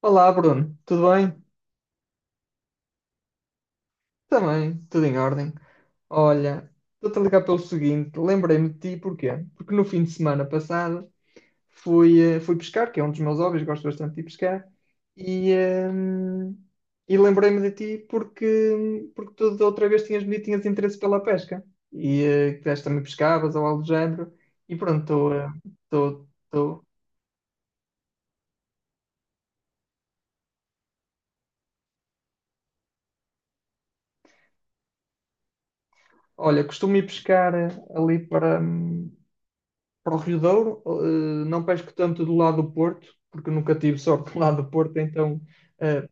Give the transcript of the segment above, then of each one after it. Olá, Bruno, tudo bem? Também, tudo em ordem. Olha, estou-te a ligar pelo seguinte, lembrei-me de ti, porquê? Porque no fim de semana passado fui pescar, que é um dos meus hobbies, gosto bastante de ir pescar, e, ehm, e lembrei-me de ti porque tu da outra vez tinhas-me dito que tinhas interesse pela pesca, e que deste também pescavas ou algo do género, e pronto, estou... eh, estou. Olha, costumo ir pescar ali para. Para o Rio Douro, não pesco tanto do lado do Porto, porque nunca tive sorte do lado do Porto, então eh,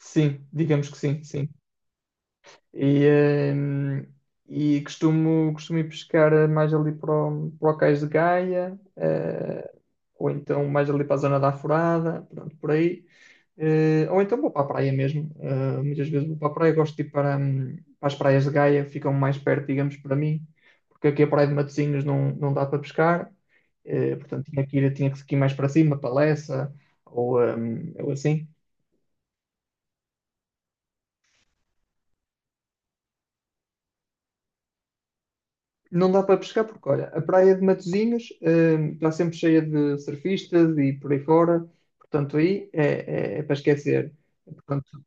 sim, digamos que sim, sim. E, eh, e costumo ir pescar mais ali para o Cais de Gaia, ou então mais ali para a zona da Alvorada, pronto, por aí. Ou então vou para a praia mesmo. Muitas vezes vou para a praia, gosto de ir para, para as praias de Gaia, ficam mais perto, digamos, para mim, porque aqui a praia de Matosinhos não dá para pescar. Portanto, tinha que ir mais para cima, para Lessa, ou assim. Não dá para pescar porque, olha, a praia de Matosinhos, está sempre cheia de surfistas e por aí fora, portanto é para esquecer. Portanto,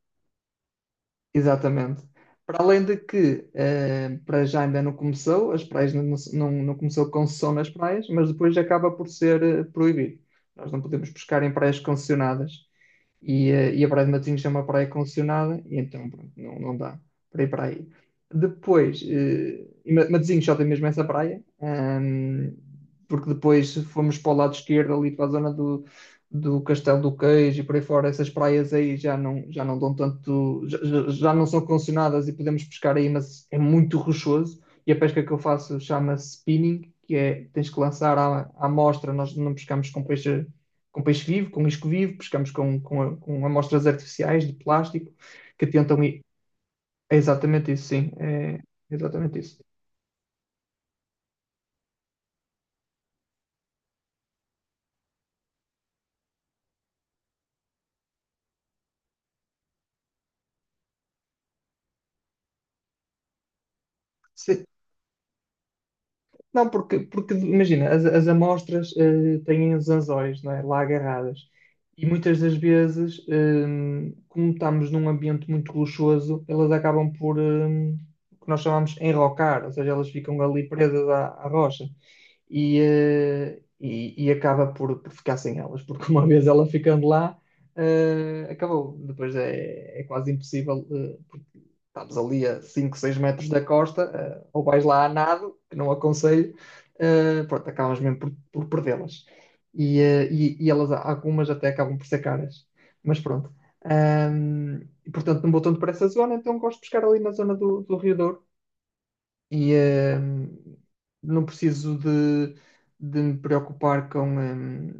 exatamente. Para além de que, para já ainda não começou, as praias não, não, não começou concessão nas praias, mas depois acaba por ser proibido. Nós não podemos pescar em praias concessionadas. E a Praia de Matosinhos é uma praia concessionada, e então pronto, não dá para ir para aí. Depois, Matosinhos só tem mesmo essa praia, porque depois fomos para o lado esquerdo, ali para a zona do Castelo do Queijo e por aí fora, essas praias aí já não dão tanto, já não são condicionadas e podemos pescar aí, mas é muito rochoso. E a pesca que eu faço chama-se spinning, que é tens que lançar à amostra, nós não pescamos com peixe vivo, com isco vivo, pescamos com amostras artificiais de plástico que tentam ir. É exatamente isso, sim, é exatamente isso. Não, porque, porque imagina, as amostras têm os anzóis, não é? Lá agarradas. E muitas das vezes, como estamos num ambiente muito luxuoso, elas acabam o que nós chamamos enrocar, ou seja, elas ficam ali presas à rocha. E acaba por ficar sem elas, porque uma vez ela ficando lá, acabou. Depois é quase impossível, porque estamos ali a 5, 6 metros da costa, ou vais lá a nado, que não aconselho, pronto, acabas mesmo por perdê-las. E elas, algumas até acabam por ser caras. Mas pronto. E, portanto, não vou tanto para essa zona, então gosto de pescar ali na zona do Rio Douro. E não preciso de me preocupar com,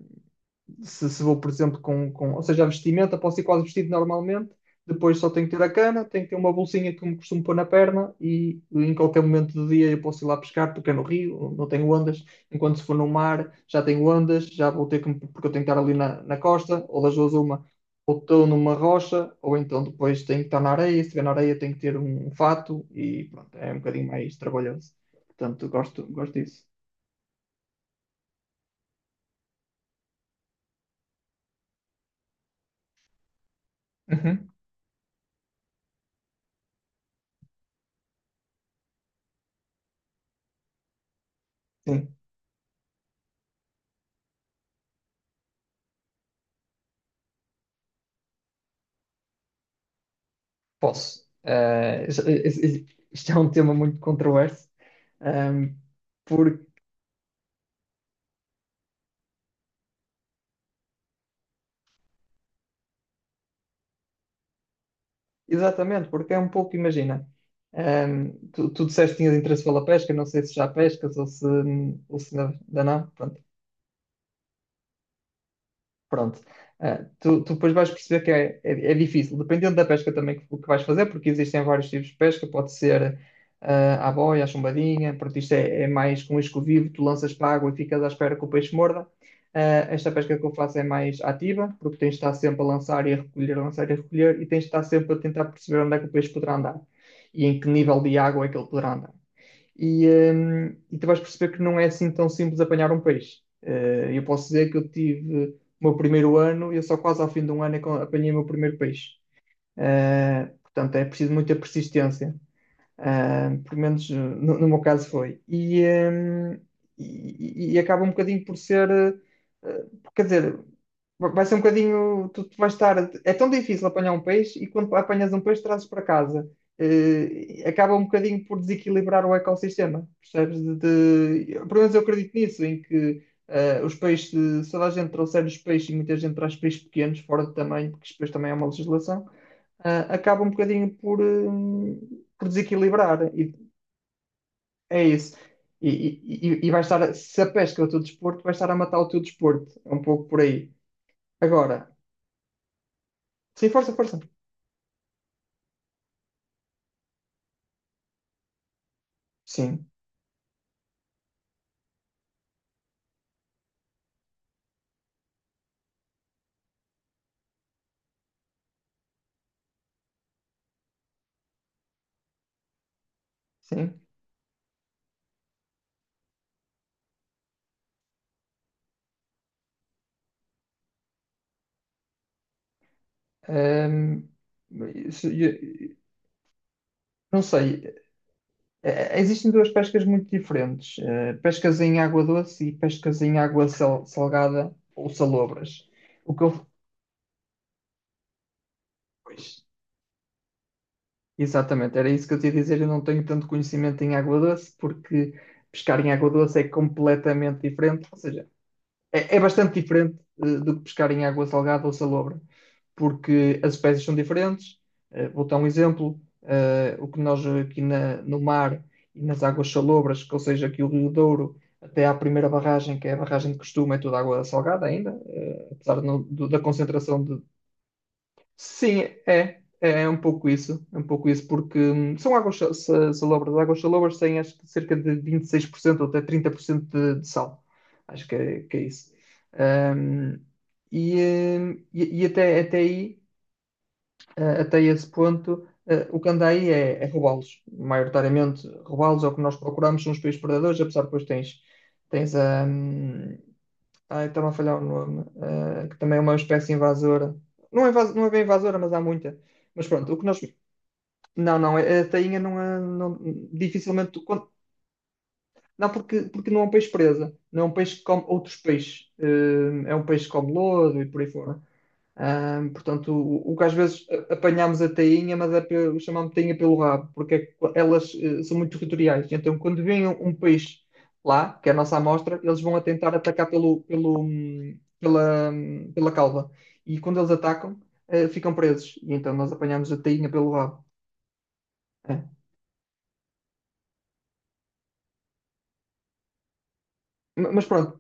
se vou, por exemplo, ou seja, a vestimenta, posso ir quase vestido normalmente, depois só tenho que ter a cana, tenho que ter uma bolsinha que me costumo pôr na perna e em qualquer momento do dia eu posso ir lá pescar, porque é no rio, não tenho ondas, enquanto se for no mar já tenho ondas, já vou ter porque eu tenho que estar ali na costa, ou das duas uma, ou estou numa rocha, ou então depois tenho que estar na areia, se estiver na areia tenho que ter um fato e pronto, é um bocadinho mais trabalhoso. Portanto, gosto disso. Uhum, sim. Posso. Isto é um tema muito controverso, ehm, porque, exatamente, porque é um pouco, imagina, tu disseste que tinhas interesse pela pesca, não sei se já pescas ou se ainda não, pronto. Pronto. Ah, tu depois vais perceber é difícil, dependendo da pesca também que vais fazer, porque existem vários tipos de pesca, pode ser à boia, à chumbadinha, pronto, isto é mais com isco vivo, tu lanças para a água e ficas à espera que o peixe morda. Ah, esta pesca que eu faço é mais ativa, porque tens de estar sempre a lançar e a recolher, a lançar e a recolher, e tens de estar sempre a tentar perceber onde é que o peixe poderá andar e em que nível de água é que ele poderá andar e, e tu vais perceber que não é assim tão simples apanhar um peixe. Eu posso dizer que eu tive o meu primeiro ano e eu só quase ao fim de um ano é que eu apanhei o meu primeiro peixe. Portanto, é preciso muita persistência. Ah, pelo menos no meu caso foi. E acaba um bocadinho por ser, eh, quer dizer, vai ser um bocadinho, tu vais estar, é tão difícil apanhar um peixe e quando apanhas um peixe trazes para casa. Acaba um bocadinho por desequilibrar o ecossistema, percebes? Pelo menos eu acredito nisso, em que eh, os peixes, se toda a gente trouxer os peixes e muita gente traz peixes pequenos, fora de tamanho, porque isto depois também é uma legislação acaba um bocadinho por desequilibrar. E é isso. E vai estar, se a pesca é o teu desporto, vai estar a matar o teu desporto. É um pouco por aí. Agora, sim, força, força. Sim, sim. Hum, isso- eu- não sei. Existem duas pescas muito diferentes: pescas em água doce e pescas em salgada ou salobras. O que eu, pois, Exatamente, era isso que eu te ia dizer. Eu não tenho tanto conhecimento em água doce, porque pescar em água doce é completamente diferente, ou seja, é bastante diferente do que pescar em água salgada ou salobra, porque as espécies são diferentes. Vou dar um exemplo: o que nós no mar e nas águas salobras, que, ou seja, aqui o Rio Douro, até à primeira barragem, que é a barragem de costume, é toda água salgada ainda, apesar de não- do- da concentração. Sim, é. É um pouco isso. É um pouco isso, porque são salobras. As águas salobras têm acho que cerca de 26% ou até 30% de sal. Acho que é isso. Hum, e até, até aí, até esse ponto, o que anda aí é roubá-los. Maioritariamente, roubá-los é o que nós procuramos nos países predadores, apesar que depois tens, tens está a falhar o nome, que também é uma espécie invasora. Não é bem invasora, mas há muita. Mas pronto, o que nós. Não, a tainha não é. Não, dificilmente. Não, porque, porque não é um peixe presa. Não é um peixe que come outros peixes. É um peixe que come lodo e por aí fora. Portanto, o que às vezes apanhamos a tainha, mas é pelo, chamamos tainha pelo rabo, porque é que elas são muito territoriais. Então, quando vem um peixe lá, que é a nossa amostra, eles vão a tentar atacar pela cauda. E quando eles atacam, ficam presos. E então nós apanhamos a tainha pelo rabo. É. Mas pronto,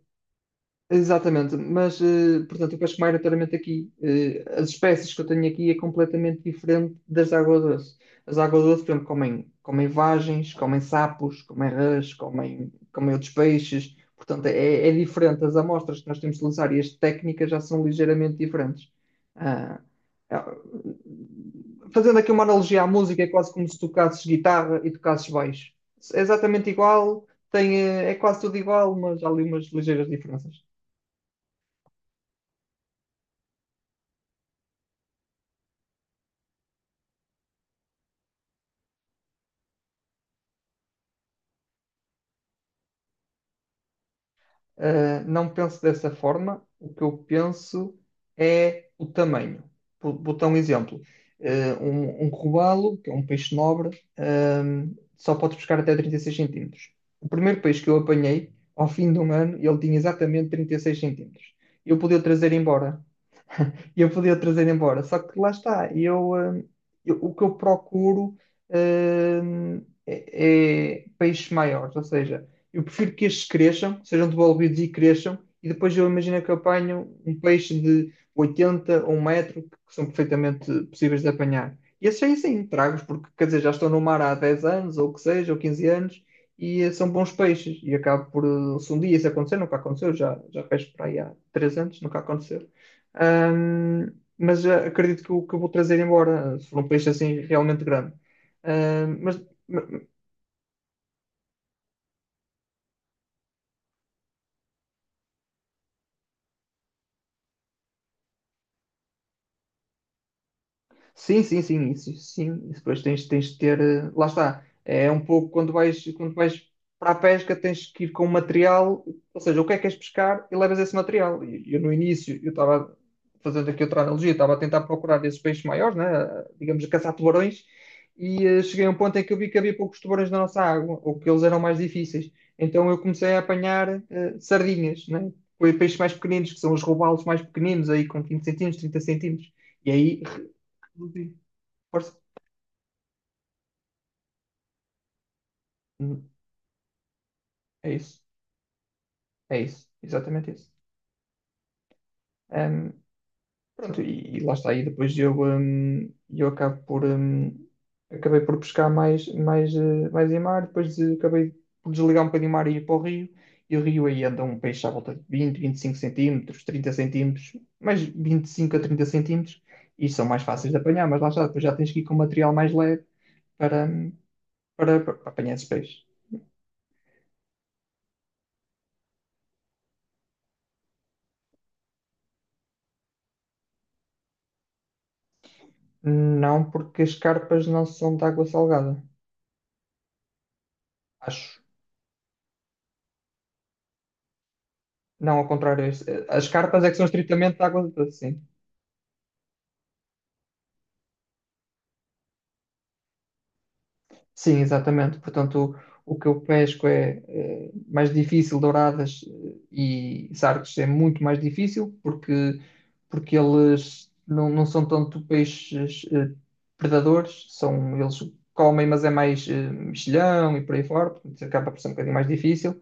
exatamente, mas portanto, o casco-maio notoriamente aqui, as espécies que eu tenho aqui é completamente diferente das águas doce. As águas doce por exemplo, comem vagens, comem sapos, comem rãs, comem outros peixes, portanto, é diferente. As amostras que nós temos de utilizar e as técnicas já são ligeiramente diferentes. Ah, ah, Fazendo aqui uma analogia à música, é quase como se tocasses guitarra e tocasses baixo. É exatamente igual, é quase tudo igual, mas há ali umas ligeiras diferenças. Não penso dessa forma. O que eu penso é o tamanho. Vou dar um exemplo. Um robalo, que é um peixe nobre, um, só pode pescar até 36 centímetros. O primeiro peixe que eu apanhei, ao fim de um ano, ele tinha exatamente 36 centímetros. Eu podia o trazer embora. E eu podia trazer embora. Só que lá está, o que eu procuro, é peixes maiores, ou seja, eu prefiro que estes cresçam, sejam devolvidos e cresçam, e depois eu imagino que eu apanho um peixe de 80 ou um metro, que são perfeitamente possíveis de apanhar. E esses aí sim, trago-os, porque quer dizer, já estão no mar há 10 anos, ou o que seja, ou 15 anos, e são bons peixes. E acabo por, se um dia isso acontecer, nunca aconteceu, já pesco para aí há 3 anos, nunca aconteceu. Ahm, Acredito que o que eu vou trazer embora, se for um peixe assim realmente grande. Ahm, mas, Sim, sim, sim, isso, sim. Isso depois tens, tens de ter. Lá está. É um pouco quando vais para a pesca, tens que ir com o material, ou seja, o que é que queres pescar e levas esse material. E eu no início, eu estava fazendo aqui outra analogia, estava a tentar procurar esses peixes maiores, né? Digamos, a caçar tubarões, e cheguei a um ponto em que eu vi que havia poucos tubarões na nossa água, ou que eles eram mais difíceis. Então eu comecei a apanhar sardinhas, né? Peixes mais pequeninos, que são os robalos mais pequeninos, aí com 20 centímetros, 30 centímetros. E aí reduzi. Força. Hum, É isso. É isso. Exatamente isso. Hum, Pronto. E lá está. E depois eu, eu acabo por, acabei por pescar mais em mar, depois acabei por desligar um bocadinho o mar e ir para o rio. E o rio aí anda um peixe à volta de 20, 25 centímetros, 30 centímetros, mais 25 a 30 centímetros, e são mais fáceis de apanhar, mas lá está, depois já tens que ir com material mais leve para, para apanhar esses peixes. Não porque as carpas não são de água salgada. Acho. Não, ao contrário. As cartas é que são estritamente de água doce, sim. Sim, exatamente. Portanto, o que eu pesco mais difícil, douradas e sargos é muito mais difícil porque, porque eles não são tanto peixes eles comem, mas é mais mexilhão e por aí fora, portanto, acaba por ser um bocadinho mais difícil.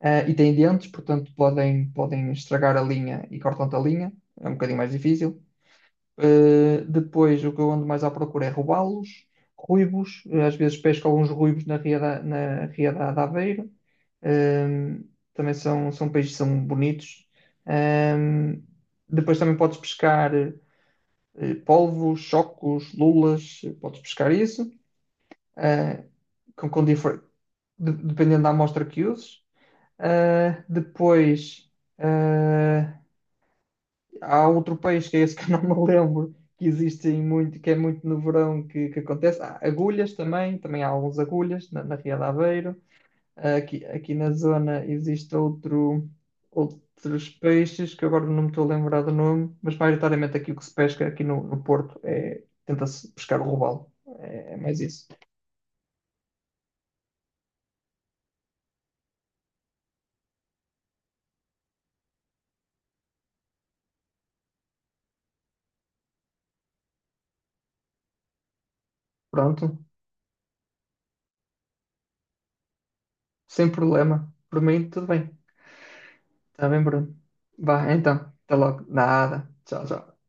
E têm dentes, portanto, podem, podem estragar a linha e cortam-te a linha, é um bocadinho mais difícil. Depois, o que eu ando mais à procura é robalos, ruivos. Às vezes pesco alguns ruivos na Ria da Aveiro. Um, também são, são peixes que são bonitos. Um, depois também podes pescar polvos, chocos, lulas. Podes pescar isso. uh, com, com difer- Dependendo da amostra que uses. Depois... eh, há outro peixe que é esse que eu não me lembro, que existe em muito, que é muito no verão que acontece. Há agulhas também, também há alguns agulhas na Ria de Aveiro. Aqui na zona existe outros peixes que agora não me estou a lembrar do nome, mas maioritariamente aqui o que se pesca aqui no, no Porto é tenta-se pescar o robalo. É mais isso. Pronto, sem problema. Por mim, tudo bem. Está bem, Bruno. Vá, então, até logo. Nada. Tchau, tchau.